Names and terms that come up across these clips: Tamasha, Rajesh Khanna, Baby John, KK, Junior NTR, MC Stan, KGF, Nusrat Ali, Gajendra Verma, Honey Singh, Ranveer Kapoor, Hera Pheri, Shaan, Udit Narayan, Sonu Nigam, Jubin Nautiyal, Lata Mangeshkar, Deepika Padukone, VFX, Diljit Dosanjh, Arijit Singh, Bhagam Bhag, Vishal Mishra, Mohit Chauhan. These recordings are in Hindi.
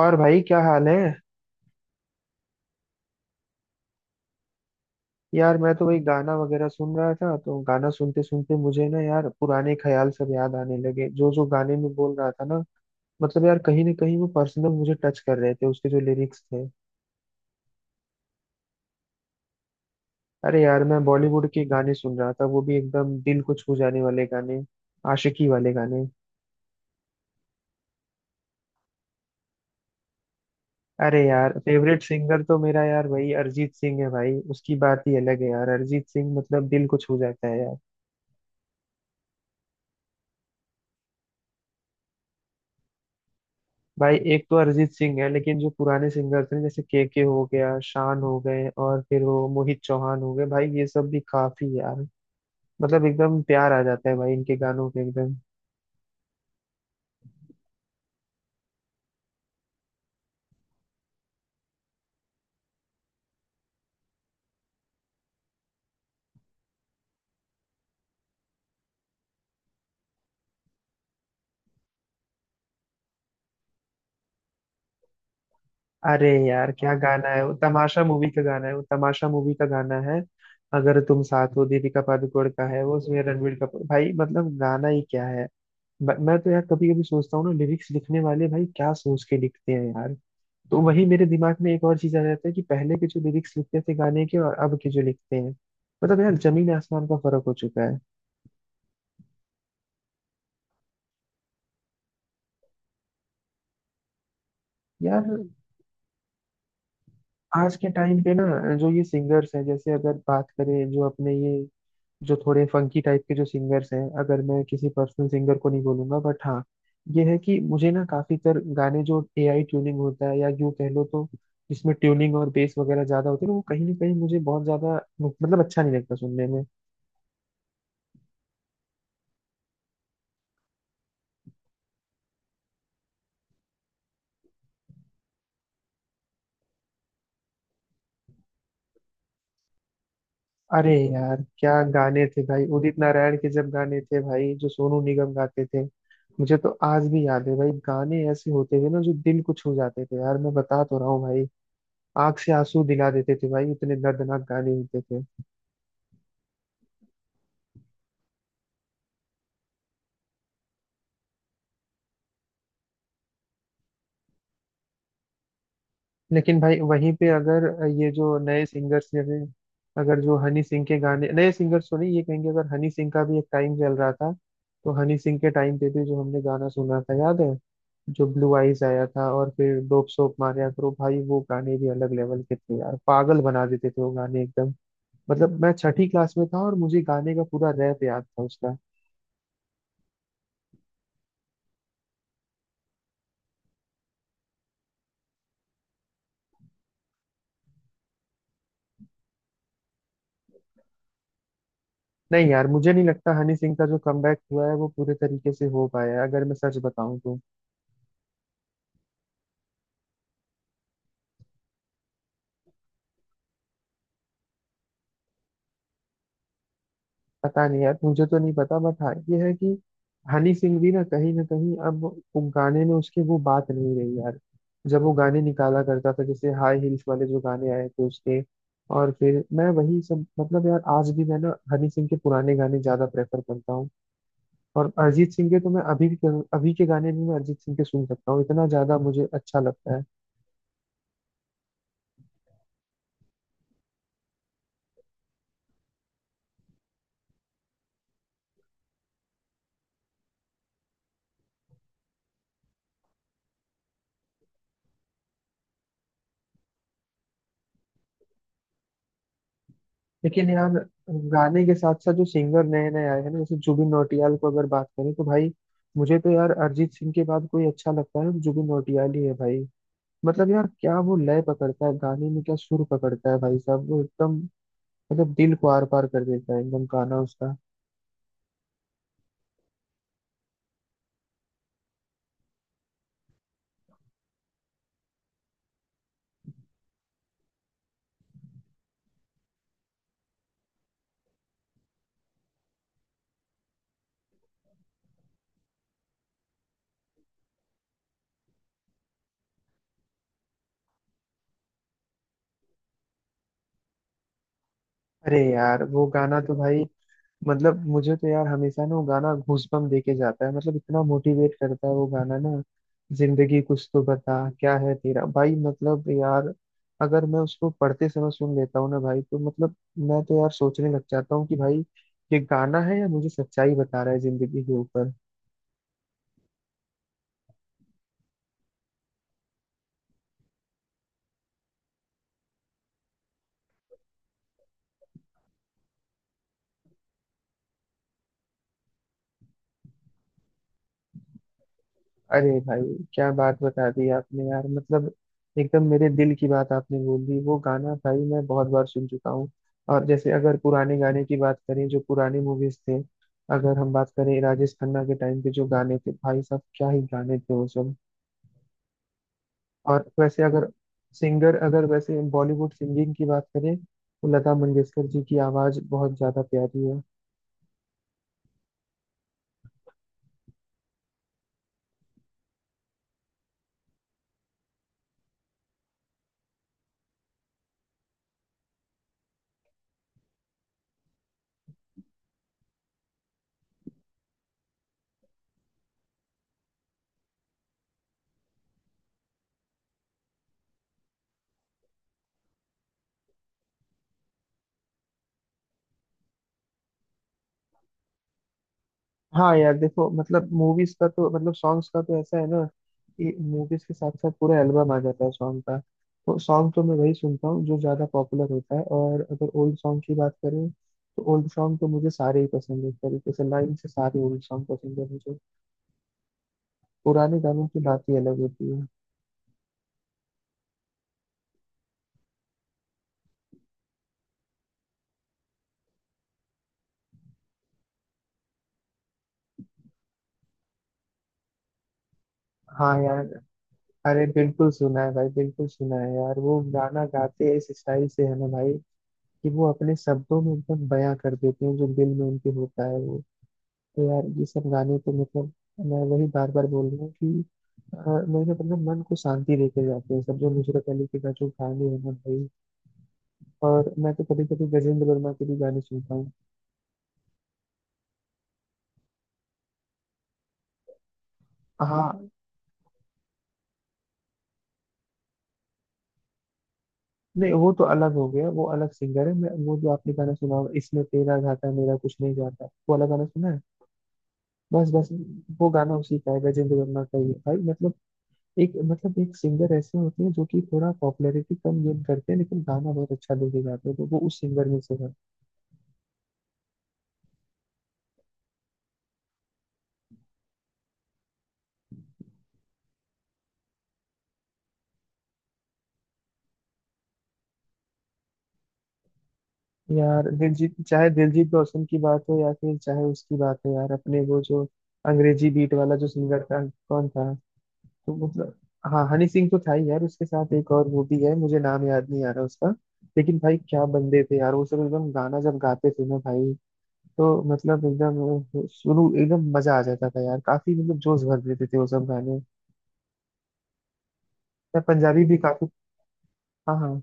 और भाई क्या हाल है। यार मैं तो वही गाना वगैरह सुन रहा था। तो गाना सुनते सुनते मुझे ना यार पुराने ख्याल सब याद आने लगे, जो जो गाने में बोल रहा था ना। मतलब यार कहीं ना कहीं वो पर्सनल मुझे टच कर रहे थे, उसके जो लिरिक्स थे। अरे यार मैं बॉलीवुड के गाने सुन रहा था, वो भी एकदम दिल को छू जाने वाले गाने, आशिकी वाले गाने। अरे यार फेवरेट सिंगर तो मेरा यार भाई अरिजीत सिंह है भाई। उसकी बात ही अलग है यार। अरिजीत सिंह मतलब दिल को छू जाता है यार। भाई एक तो अरिजीत सिंह है, लेकिन जो पुराने सिंगर थे जैसे के हो गया, शान हो गए, और फिर वो मोहित चौहान हो गए, भाई ये सब भी काफी यार। मतलब एकदम प्यार आ जाता है भाई इनके गानों के एकदम। अरे यार क्या गाना है वो, तमाशा मूवी का गाना है वो, तमाशा मूवी का गाना है। अगर तुम साथ हो, दीपिका पादुकोण का है वो, उसमें रणवीर कपूर, भाई मतलब गाना ही क्या है। मैं तो यार कभी कभी सोचता हूँ ना, लिरिक्स लिखने वाले भाई क्या सोच के लिखते हैं यार। तो वही मेरे दिमाग में एक और चीज आ जाता है कि पहले के जो लिरिक्स लिखते थे गाने के, और अब के जो लिखते हैं, मतलब यार जमीन आसमान का फर्क हो चुका है। यार आज के टाइम पे ना जो ये सिंगर्स हैं, जैसे अगर बात करें जो अपने ये जो थोड़े फंकी टाइप के जो सिंगर्स हैं, अगर मैं किसी पर्सनल सिंगर को नहीं बोलूंगा, बट हाँ ये है कि मुझे ना काफी तर गाने जो एआई ट्यूनिंग होता है, या यूँ कह लो तो जिसमें ट्यूनिंग और बेस वगैरह ज्यादा होती है ना, वो कहीं ना कहीं मुझे बहुत ज्यादा मतलब अच्छा नहीं लगता सुनने में। अरे यार क्या गाने थे भाई, उदित नारायण के जब गाने थे भाई, जो सोनू निगम गाते थे। मुझे तो आज भी याद है भाई, गाने ऐसे होते थे ना जो दिल को छू जाते थे यार, मैं बता तो रहा हूँ भाई। आंख से आंसू दिला देते थे भाई, इतने दर्दनाक गाने होते थे। लेकिन भाई वहीं पे अगर ये जो नए सिंगर्स, जैसे अगर जो हनी सिंह के गाने, नए सिंगर्स तो नहीं ये कहेंगे, अगर हनी सिंह का भी एक टाइम चल रहा था, तो हनी सिंह के टाइम पे भी जो हमने गाना सुना था याद है, जो ब्लू आइज आया था, और फिर डोप सोप मारिया करो, भाई वो गाने भी अलग लेवल के थे यार, पागल बना देते थे वो गाने एकदम। मतलब मैं छठी क्लास में था और मुझे गाने का पूरा रैप याद था उसका। नहीं यार मुझे नहीं लगता हनी सिंह का जो कमबैक हुआ है वो पूरे तरीके से हो पाया है, अगर मैं सच बताऊं तो। पता नहीं यार मुझे तो नहीं पता, बट हाँ ये है कि हनी सिंह भी ना कहीं अब वो गाने में उसकी वो बात नहीं रही यार, जब वो गाने निकाला करता था, जैसे हाई हील्स वाले जो गाने आए थे उसके। और फिर मैं वही सब मतलब यार आज भी मैं ना हनी सिंह के पुराने गाने ज्यादा प्रेफर करता हूँ। और अरिजीत सिंह के तो मैं अभी भी, अभी के गाने भी मैं अरिजीत सिंह के सुन सकता हूँ, इतना ज्यादा मुझे अच्छा लगता है। लेकिन यार गाने के साथ साथ जो सिंगर नए नए आए हैं ना, जैसे जुबिन नौटियाल को अगर बात करें तो भाई, मुझे तो यार अरिजीत सिंह के बाद कोई अच्छा लगता है तो जुबिन नौटियाल ही है भाई। मतलब यार क्या वो लय पकड़ता है गाने में, क्या सुर पकड़ता है भाई साहब वो एकदम, मतलब दिल को आर पार कर देता है एकदम गाना उसका। अरे यार वो गाना तो भाई मतलब, मुझे तो यार हमेशा ना वो गाना गूजबम्प देके जाता है, मतलब इतना मोटिवेट करता है वो गाना ना, जिंदगी कुछ तो बता, क्या है तेरा, भाई मतलब यार अगर मैं उसको पढ़ते समय सुन लेता हूँ ना भाई तो मतलब मैं तो यार सोचने लग जाता हूँ कि भाई ये गाना है या मुझे सच्चाई बता रहा है जिंदगी के ऊपर। अरे भाई क्या बात बता दी आपने यार, मतलब एकदम मेरे दिल की बात आपने बोल दी, वो गाना भाई मैं बहुत बार सुन चुका हूँ। और जैसे अगर पुराने गाने की बात करें, जो पुराने मूवीज थे, अगर हम बात करें राजेश खन्ना के टाइम पे जो गाने थे, भाई साहब क्या ही गाने थे वो सब। और वैसे अगर सिंगर, अगर वैसे बॉलीवुड सिंगिंग की बात करें तो लता मंगेशकर जी की आवाज बहुत ज्यादा प्यारी है। हाँ यार देखो मतलब मूवीज का तो मतलब सॉन्ग्स का तो ऐसा है ना कि मूवीज के साथ साथ पूरा एल्बम आ जाता है सॉन्ग का, तो सॉन्ग तो मैं वही सुनता हूँ जो ज्यादा पॉपुलर होता है। और अगर ओल्ड सॉन्ग की बात करें तो ओल्ड सॉन्ग तो मुझे सारे ही पसंद है, एक तरीके से लाइन से सारे ओल्ड सॉन्ग पसंद है मुझे। पुराने गानों की बात ही अलग होती है। हाँ यार, अरे बिल्कुल सुना है भाई, बिल्कुल सुना है यार। वो गाना गाते हैं इस स्टाइल से है ना भाई, कि वो अपने शब्दों में एकदम बयां कर देते हैं जो दिल में उनके होता है वो। तो यार ये सब गाने तो मतलब, मैं वही बार बार बोल रहा हूँ कि अ, मेरे मतलब मन को शांति देके जाते हैं सब, जो नुसरत अली के का जो गाने हैं ना भाई। और मैं तो कभी कभी गजेंद्र वर्मा के भी गाने सुनता हूँ। हाँ, नहीं वो तो अलग हो गया, वो अलग सिंगर है। मैं वो, जो आपने गाना सुना होगा इसमें, तेरा घाटा मेरा कुछ नहीं जाता, वो वाला गाना सुना है। बस बस, वो गाना उसी का है, गजेंद्र वर्मा का ही है भाई। मतलब एक सिंगर ऐसे होते हैं जो कि थोड़ा पॉपुलैरिटी कम गेन करते हैं, लेकिन गाना बहुत अच्छा लेके जाते हैं, तो वो उस सिंगर में से है। यार दिलजीत, चाहे दिलजीत दोसांझ की बात हो या फिर चाहे उसकी बात हो, यार अपने वो जो अंग्रेजी बीट वाला जो सिंगर था, कौन था? तो मतलब हाँ हनी सिंह तो था ही यार, उसके साथ एक और वो भी है, मुझे नाम याद नहीं आ रहा उसका। लेकिन भाई क्या बंदे थे यार, वो सब एकदम गाना जब गाते थे ना भाई, तो मतलब एकदम शुरू एकदम मजा आ जाता था यार, काफी मतलब जोश भर देते थे वो सब गाने। मैं पंजाबी भी काफी, हाँ हाँ,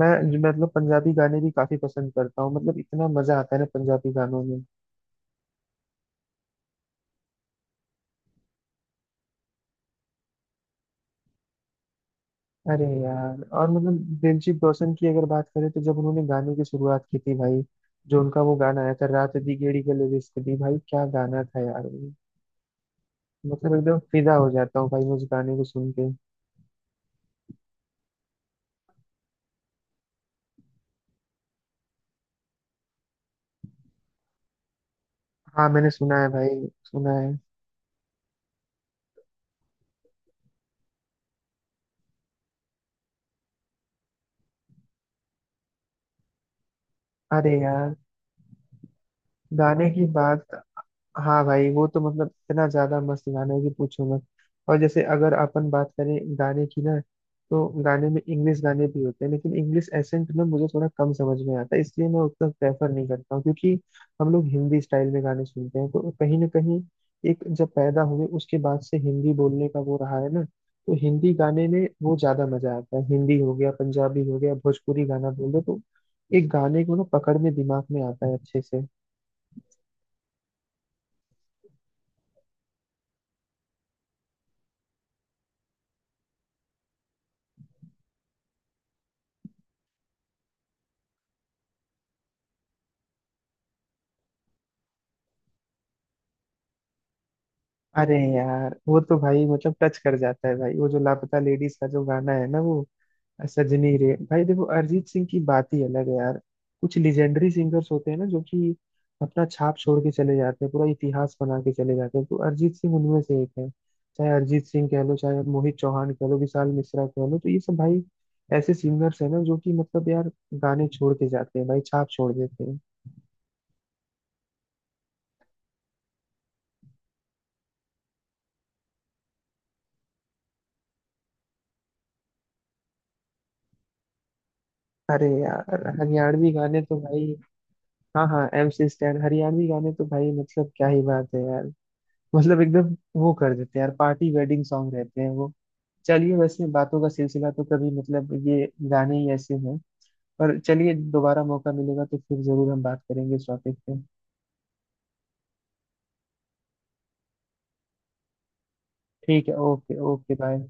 मैं मतलब पंजाबी गाने भी काफी पसंद करता हूँ, मतलब इतना मजा आता है ना पंजाबी गानों में। अरे यार और मतलब दिलजीत दोसांझ की अगर बात करें, तो जब उन्होंने गाने की शुरुआत की थी भाई, जो उनका वो गाना आया था, रात दी गेड़ी गले रिश्क दी, भाई क्या गाना था यार वो। मतलब एकदम फिदा हो जाता हूँ भाई मैं उस गाने को सुन के। हाँ मैंने सुना है भाई सुना है। अरे यार गाने की बात, हाँ भाई वो तो मतलब इतना ज्यादा मस्त गाना है कि पूछो मत। और जैसे अगर अपन बात करें गाने की ना, तो गाने में इंग्लिश गाने भी होते हैं, लेकिन इंग्लिश एसेंट में मुझे थोड़ा कम समझ में आता है, इसलिए मैं उतना प्रेफर नहीं करता हूँ, क्योंकि हम लोग हिंदी स्टाइल में गाने सुनते हैं, तो कहीं ना कहीं एक जब पैदा हुए उसके बाद से हिंदी बोलने का वो रहा है ना, तो हिंदी गाने में वो ज्यादा मजा आता है। हिंदी हो गया, पंजाबी हो गया, भोजपुरी गाना बोल दो तो एक गाने को ना पकड़ में दिमाग में आता है अच्छे से। अरे यार वो तो भाई मतलब टच कर जाता है भाई, वो जो लापता लेडीज का जो गाना है ना वो, सजनी रे, भाई देखो अरिजीत सिंह की बात ही अलग है यार। कुछ लेजेंडरी सिंगर्स होते हैं ना जो कि अपना छाप छोड़ के चले जाते हैं, पूरा इतिहास बना के चले जाते हैं, तो अरिजीत सिंह उनमें से एक है। चाहे अरिजीत सिंह कह लो, चाहे मोहित चौहान कह लो, विशाल मिश्रा कह लो, तो ये सब भाई ऐसे सिंगर्स है ना जो कि मतलब यार गाने छोड़ के जाते हैं भाई, छाप छोड़ देते हैं। अरे यार हरियाणवी गाने तो भाई, हाँ हाँ एमसी स्टैन, हरियाणवी गाने तो भाई मतलब क्या ही बात है यार। मतलब एकदम वो कर देते हैं यार, पार्टी वेडिंग सॉन्ग रहते हैं वो। चलिए वैसे बातों का सिलसिला तो कभी, मतलब ये गाने ही ऐसे हैं। पर चलिए दोबारा मौका मिलेगा तो फिर जरूर हम बात करेंगे इस टॉपिक पे। ठीक है, ओके ओके, बाय।